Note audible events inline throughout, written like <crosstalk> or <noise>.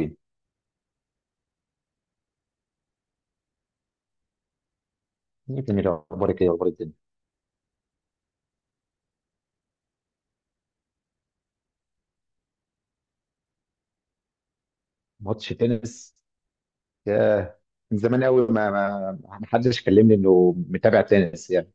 ايه، جميل. اخبارك ايه، اخبار الدنيا؟ ماتش تنس؟ ياه. من زمان قوي، ما حدش كلمني انه متابع تنس، يعني.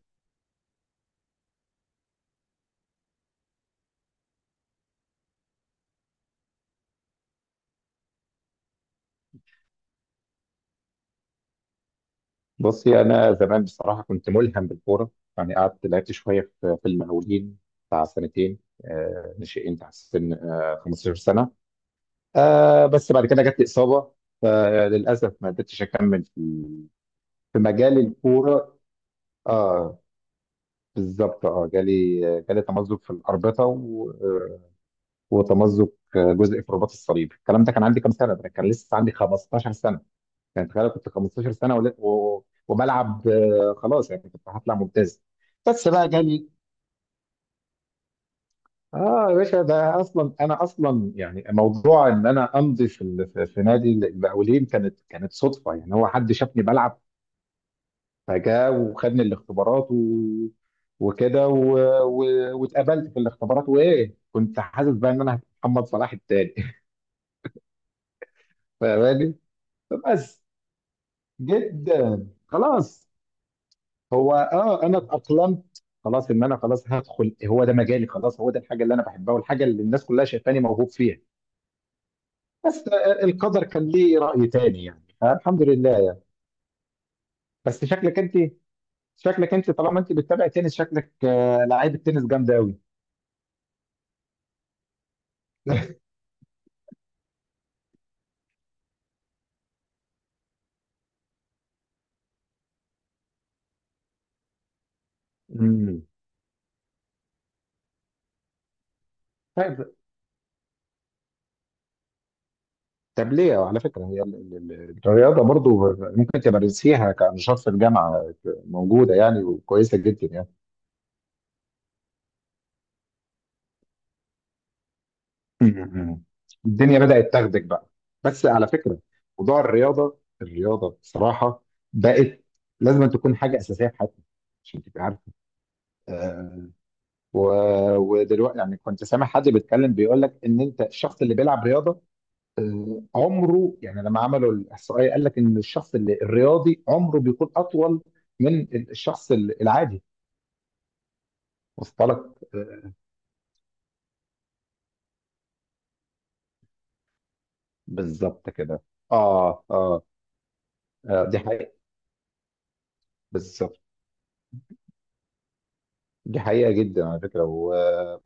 بصي، انا زمان بصراحه كنت ملهم بالكوره. يعني قعدت لعبت شويه في المقاولين بتاع سنتين. ناشئين تحت سن 15 سنه. بس بعد كده جت لي اصابه، فللاسف ما قدرتش اكمل في مجال الكوره. اه، بالظبط. اه جالي تمزق في الاربطه، وتمزق جزء في رباط الصليب. الكلام ده كان عندي كام سنه؟ ده كان لسه عندي 15 سنه. يعني تخيل كنت 15 سنه وبلعب، خلاص يعني كنت هطلع ممتاز. بس بقى جالي. اه، يا باشا، ده اصلا انا اصلا يعني موضوع ان انا امضي في ال- في في نادي المقاولين كانت صدفه، يعني هو حد شافني بلعب، فجاء وخدني الاختبارات وكده و... واتقابلت في الاختبارات، وايه، كنت حاسس بقى ان انا محمد صلاح التاني. <laughs> فاهماني؟ بس جدا، خلاص. هو انا اتاقلمت، خلاص ان انا خلاص هدخل، هو ده مجالي، خلاص هو ده الحاجه اللي انا بحبها والحاجه اللي الناس كلها شايفاني موهوب فيها. بس القدر كان ليه راي تاني، يعني فالحمد لله. بس شكلك انت طالما انت بتتابع تنس، شكلك لعيبه تنس جامده قوي. امم طيب. طب ليه، على فكره، هي الرياضه برضو ممكن تمارسيها كنشاط في الجامعه. موجوده يعني، وكويسه جدا، يعني. م-م. الدنيا بدأت تاخدك بقى. بس على فكرة، موضوع الرياضة بصراحة بقت لازم أن تكون حاجة أساسية في حياتنا، عشان تبقى عارف. آه، و... ودلوقتي يعني كنت سامع حد بيتكلم بيقول لك إن أنت الشخص اللي بيلعب رياضة، عمره، يعني لما عملوا الإحصائية قال لك إن الشخص اللي الرياضي عمره بيكون أطول من الشخص العادي. وصلت لك؟ آه، بالظبط كده. آه آه. آه، دي حقيقة، بالظبط. دي حقيقة جدا، على فكرة،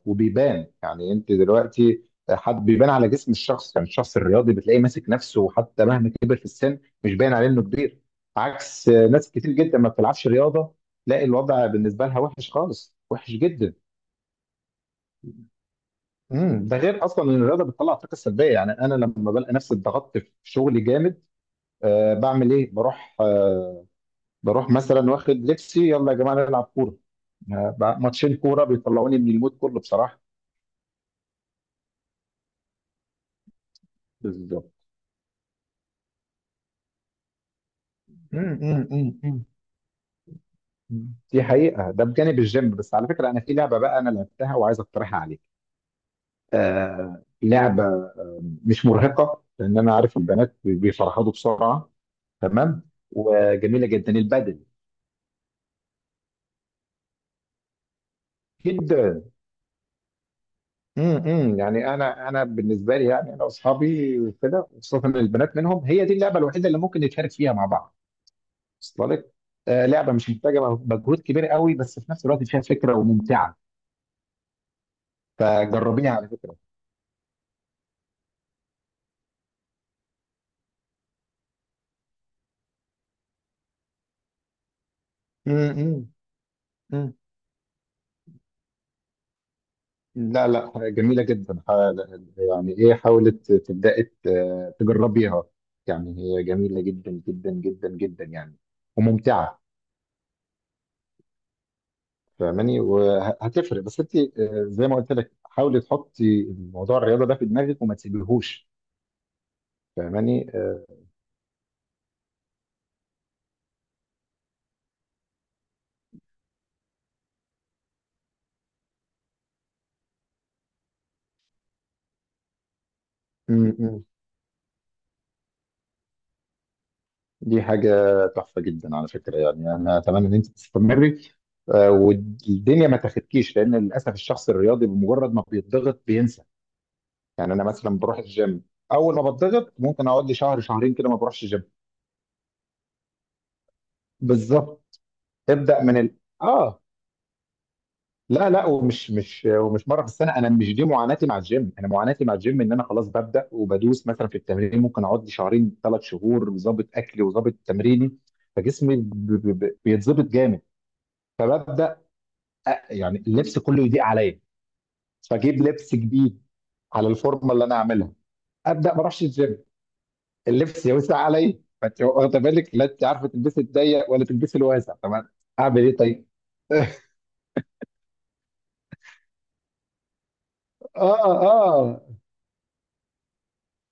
وبيبان، يعني انت دلوقتي حد بيبان على جسم الشخص. يعني الشخص الرياضي بتلاقيه ماسك نفسه حتى مهما كبر في السن، مش باين عليه انه كبير. عكس ناس كتير جدا ما بتلعبش رياضة، تلاقي الوضع بالنسبة لها وحش خالص، وحش جدا. ده غير اصلا ان الرياضة بتطلع الطاقة السلبية. يعني انا لما بلاقي نفسي اتضغطت في شغلي جامد، أه، بعمل ايه؟ بروح أه، بروح مثلا، واخد لبسي، يلا يا جماعة نلعب كورة. ماتشين كورة بيطلعوني من المود كله، بصراحة. مم، مم، مم، مم، مم. دي حقيقة. ده بجانب الجيم. بس على فكرة، أنا في لعبة بقى، أنا لعبتها وعايز أقترحها عليك. آه، لعبة مش مرهقة، لأن أنا عارف البنات بيفرهدوا بسرعة. تمام، وجميلة جدا البدل. جدا. مم، مم. يعني أنا بالنسبة لي، يعني أنا وأصحابي وكده، خصوصا البنات منهم، هي دي اللعبة الوحيدة اللي ممكن نتشارك فيها مع بعض. وصل لك؟ آه، لعبة مش محتاجة مجهود كبير قوي، بس في نفس الوقت فيها فكرة وممتعة. فجربيها على فكرة. مم، مم، مم. لا لا، جميلة جدا. يعني ايه، حاولت تبدأي تجربيها؟ يعني هي جميلة جدا جدا جدا جدا، يعني، وممتعة. فاهماني؟ وهتفرق. بس انت، زي ما قلت لك، حاولي تحطي موضوع الرياضة ده في دماغك وما تسيبيهوش. فاهماني؟ م- م. دي حاجة تحفة جدا على فكرة. يعني انا اتمنى ان انت تستمري، والدنيا ما تاخدكيش. لان للاسف الشخص الرياضي بمجرد ما بيتضغط، يعني انا مثلا بروح الجيم، اول ما بتضغط ممكن اقعد لي شهر شهرين كده ما بروحش الجيم. بالظبط. ابدا من اه لا لا، ومش مش ومش مره في السنه. انا مش دي معاناتي مع الجيم. انا معاناتي مع الجيم ان انا خلاص ببدا وبدوس مثلا في التمرين، ممكن اقعد لي شهرين 3 شهور ظابط اكلي وظابط تمريني، فجسمي بيتظبط جامد. فببدا يعني اللبس كله يضيق عليا، فاجيب لبس جديد على الفورمه اللي انا عاملها. ابدا ما اروحش الجيم، اللبس يوسع علي. فانت واخده بالك، لا انت عارفه، تلبسي الضيق ولا تلبسي الواسع، طب اعمل ايه طيب؟ <laughs> اه اه،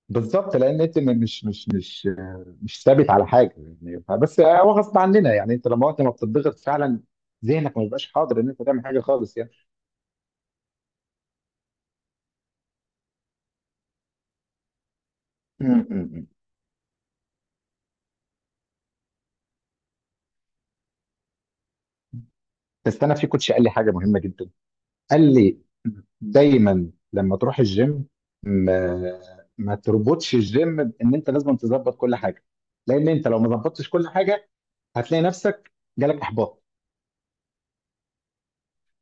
بالظبط. لان انت مش ثابت على حاجه، يعني. بس هو غصب عننا، يعني انت لما انت ما بتضغط فعلا، ذهنك ما بيبقاش حاضر ان انت تعمل حاجه خالص، يعني. م- م- م. بس انا في كوتش قال لي حاجه مهمه جدا. قال لي، دايما لما تروح الجيم، ما ما تربطش الجيم بان انت لازم تظبط كل حاجه. لان انت لو ما ظبطتش كل حاجه، هتلاقي نفسك جالك احباط.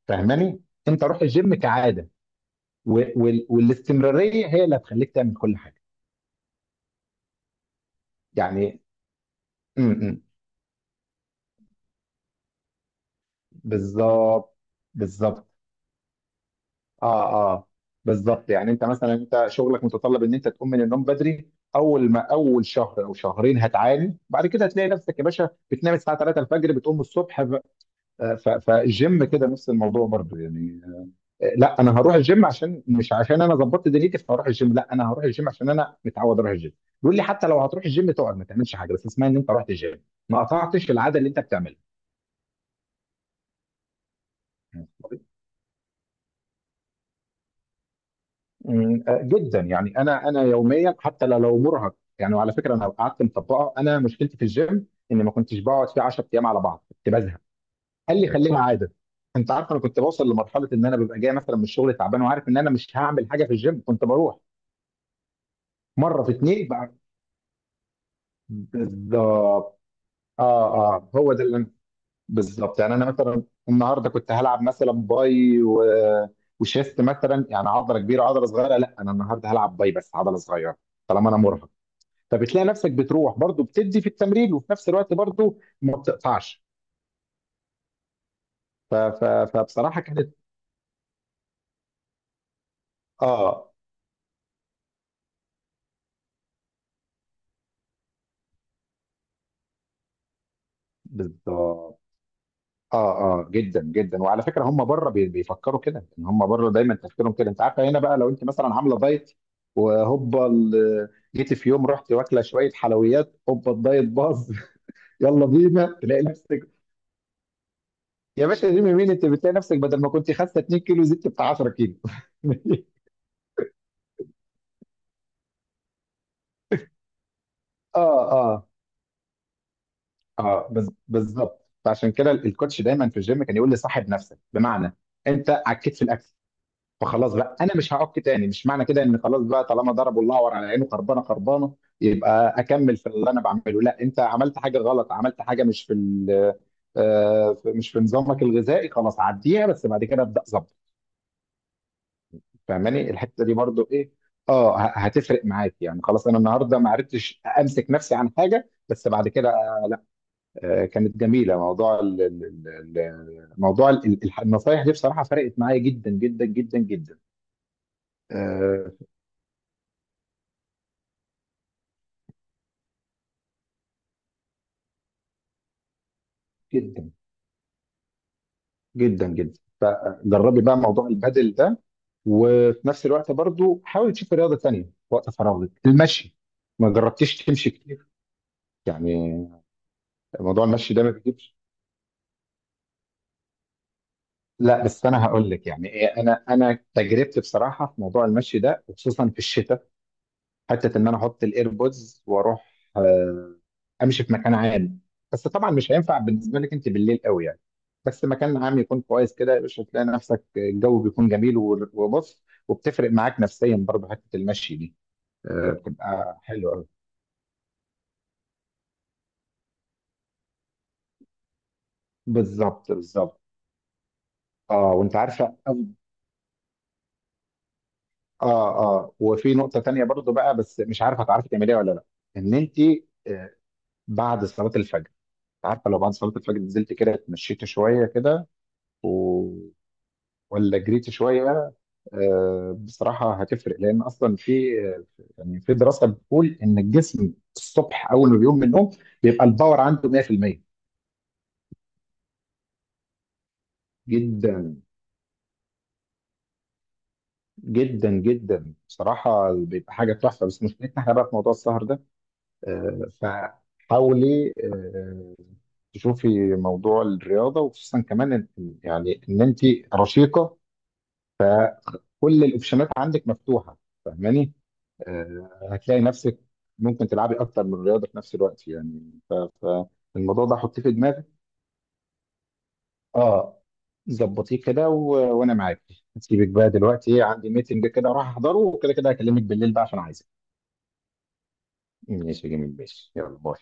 فاهماني؟ انت روح الجيم كعاده، والاستمراريه هي اللي هتخليك تعمل كل حاجه، يعني. م- م. بالظبط، بالظبط، اه اه، بالظبط. يعني انت مثلا، انت شغلك متطلب ان انت تقوم من النوم بدري، اول ما اول شهر او شهرين هتعاني. بعد كده هتلاقي نفسك يا باشا بتنام الساعه 3 الفجر بتقوم الصبح، فالجيم كده نفس الموضوع برضه، يعني. لا، انا هروح الجيم عشان، مش عشان انا ظبطت دنيتي فهروح الجيم، لا انا هروح الجيم عشان انا متعود اروح الجيم. بيقول لي حتى لو هتروح الجيم تقعد ما تعملش حاجه، بس اسمها ان انت رحت الجيم، ما قطعتش العاده اللي انت بتعملها. آه، جدا. يعني انا يوميا حتى لو مرهق، يعني. وعلى فكره انا قعدت مطبقه. انا مشكلتي في الجيم اني ما كنتش بقعد فيه 10 ايام على بعض، كنت بزهق. قال لي خليها عاده. انت عارف، انا كنت بوصل لمرحله ان انا ببقى جاي مثلا من الشغل تعبان وعارف ان انا مش هعمل حاجه في الجيم، كنت بروح مره في اتنين بقى. بالظبط. اه اه، هو ده بالظبط. يعني انا مثلا، النهارده كنت هلعب مثلا باي وشيست مثلا، يعني عضله كبيره عضله صغيره. لا، انا النهارده هلعب باي بس عضله صغيره طالما انا مرهق. فبتلاقي نفسك بتروح برضو، بتدي في التمرين وفي نفس الوقت برضو ما بتقطعش. فبصراحه كانت اه، بالظبط. اه اه، جدا جدا، وعلى فكره هم بره بيفكروا كده، ان هم بره دايما تفكيرهم كده. انت عارفه، هنا بقى، لو انت مثلا عامله دايت، وهوبا جيتي في يوم رحت واكله شويه حلويات، هوبا الدايت باظ. <laughs> يلا بينا، تلاقي نفسك يا باشا ريمي مين، انت بتلاقي نفسك بدل ما كنت خاسه 2 كيلو زدت بتاع 10 كيلو. <laughs> اه اه اه، بالظبط. فعشان كده الكوتش دايما في الجيم كان يقول لي صاحب نفسك. بمعنى، انت عكيت في الاكل، فخلاص بقى انا مش هعك تاني. مش معنى كده ان خلاص بقى، طالما ضربوا الاعور على عينه خربانه خربانه، يبقى اكمل في اللي انا بعمله. لا، انت عملت حاجه غلط، عملت حاجه مش في نظامك الغذائي، خلاص عديها بس بعد كده ابدا ظبط. فاهماني؟ الحته دي برضو ايه، اه هتفرق معاك، يعني. خلاص انا النهارده ما عرفتش امسك نفسي عن حاجه، بس بعد كده، لا. آه، كانت جميله. موضوع النصايح دي بصراحه فرقت معايا جدا جدا جدا جدا. آه، جدا جدا جدا. فجربي بقى موضوع البادل ده، وفي نفس الوقت برضو حاولي تشوفي رياضة تانية في وقت فراغك. المشي، ما جربتيش تمشي كتير يعني. موضوع المشي ده ما بيجيبش. لا، بس انا هقول لك يعني إيه، انا تجربتي بصراحة في موضوع المشي ده، وخصوصا في الشتاء، حته ان انا احط الايربودز واروح امشي في مكان عام. بس طبعا مش هينفع بالنسبه لك انت بالليل قوي، يعني. بس مكان عام يكون كويس كده يا باشا، تلاقي نفسك الجو بيكون جميل، وبص، وبتفرق معاك نفسيا برضه حته المشي دي. بتبقى حلوه قوي. بالظبط، بالظبط، اه. وانت عارفه اه اه، وفي نقطه تانيه برضه بقى، بس مش عارفه هتعرفي تعمليها ولا لا. ان انت، آه، بعد صلاه الفجر، عارفه، لو بعد صلاه الفجر نزلت كده اتمشيت شويه كده ولا جريت شويه، بصراحه هتفرق. لان اصلا في، يعني في دراسه بتقول ان الجسم الصبح اول ما بيقوم من النوم بيبقى الباور عنده 100%. جدا جدا جدا بصراحه بيبقى حاجه تحفه، بس مشكلتنا احنا بقى في موضوع السهر ده. فحاولي تشوفي موضوع الرياضه، وخصوصا كمان، يعني ان انت رشيقه، كل الاوبشنات عندك مفتوحه، فاهماني؟ هتلاقي نفسك ممكن تلعبي اكتر من رياضه في نفس الوقت، يعني. ف- فالموضوع ده حطيه في دماغك، اه، ظبطيه كده، وانا معاك. هسيبك بقى، دلوقتي عندي ميتنج كده راح احضره، وكده كده هكلمك بالليل بقى عشان عايزك. ماشي يا جميل، ماشي، يلا باي.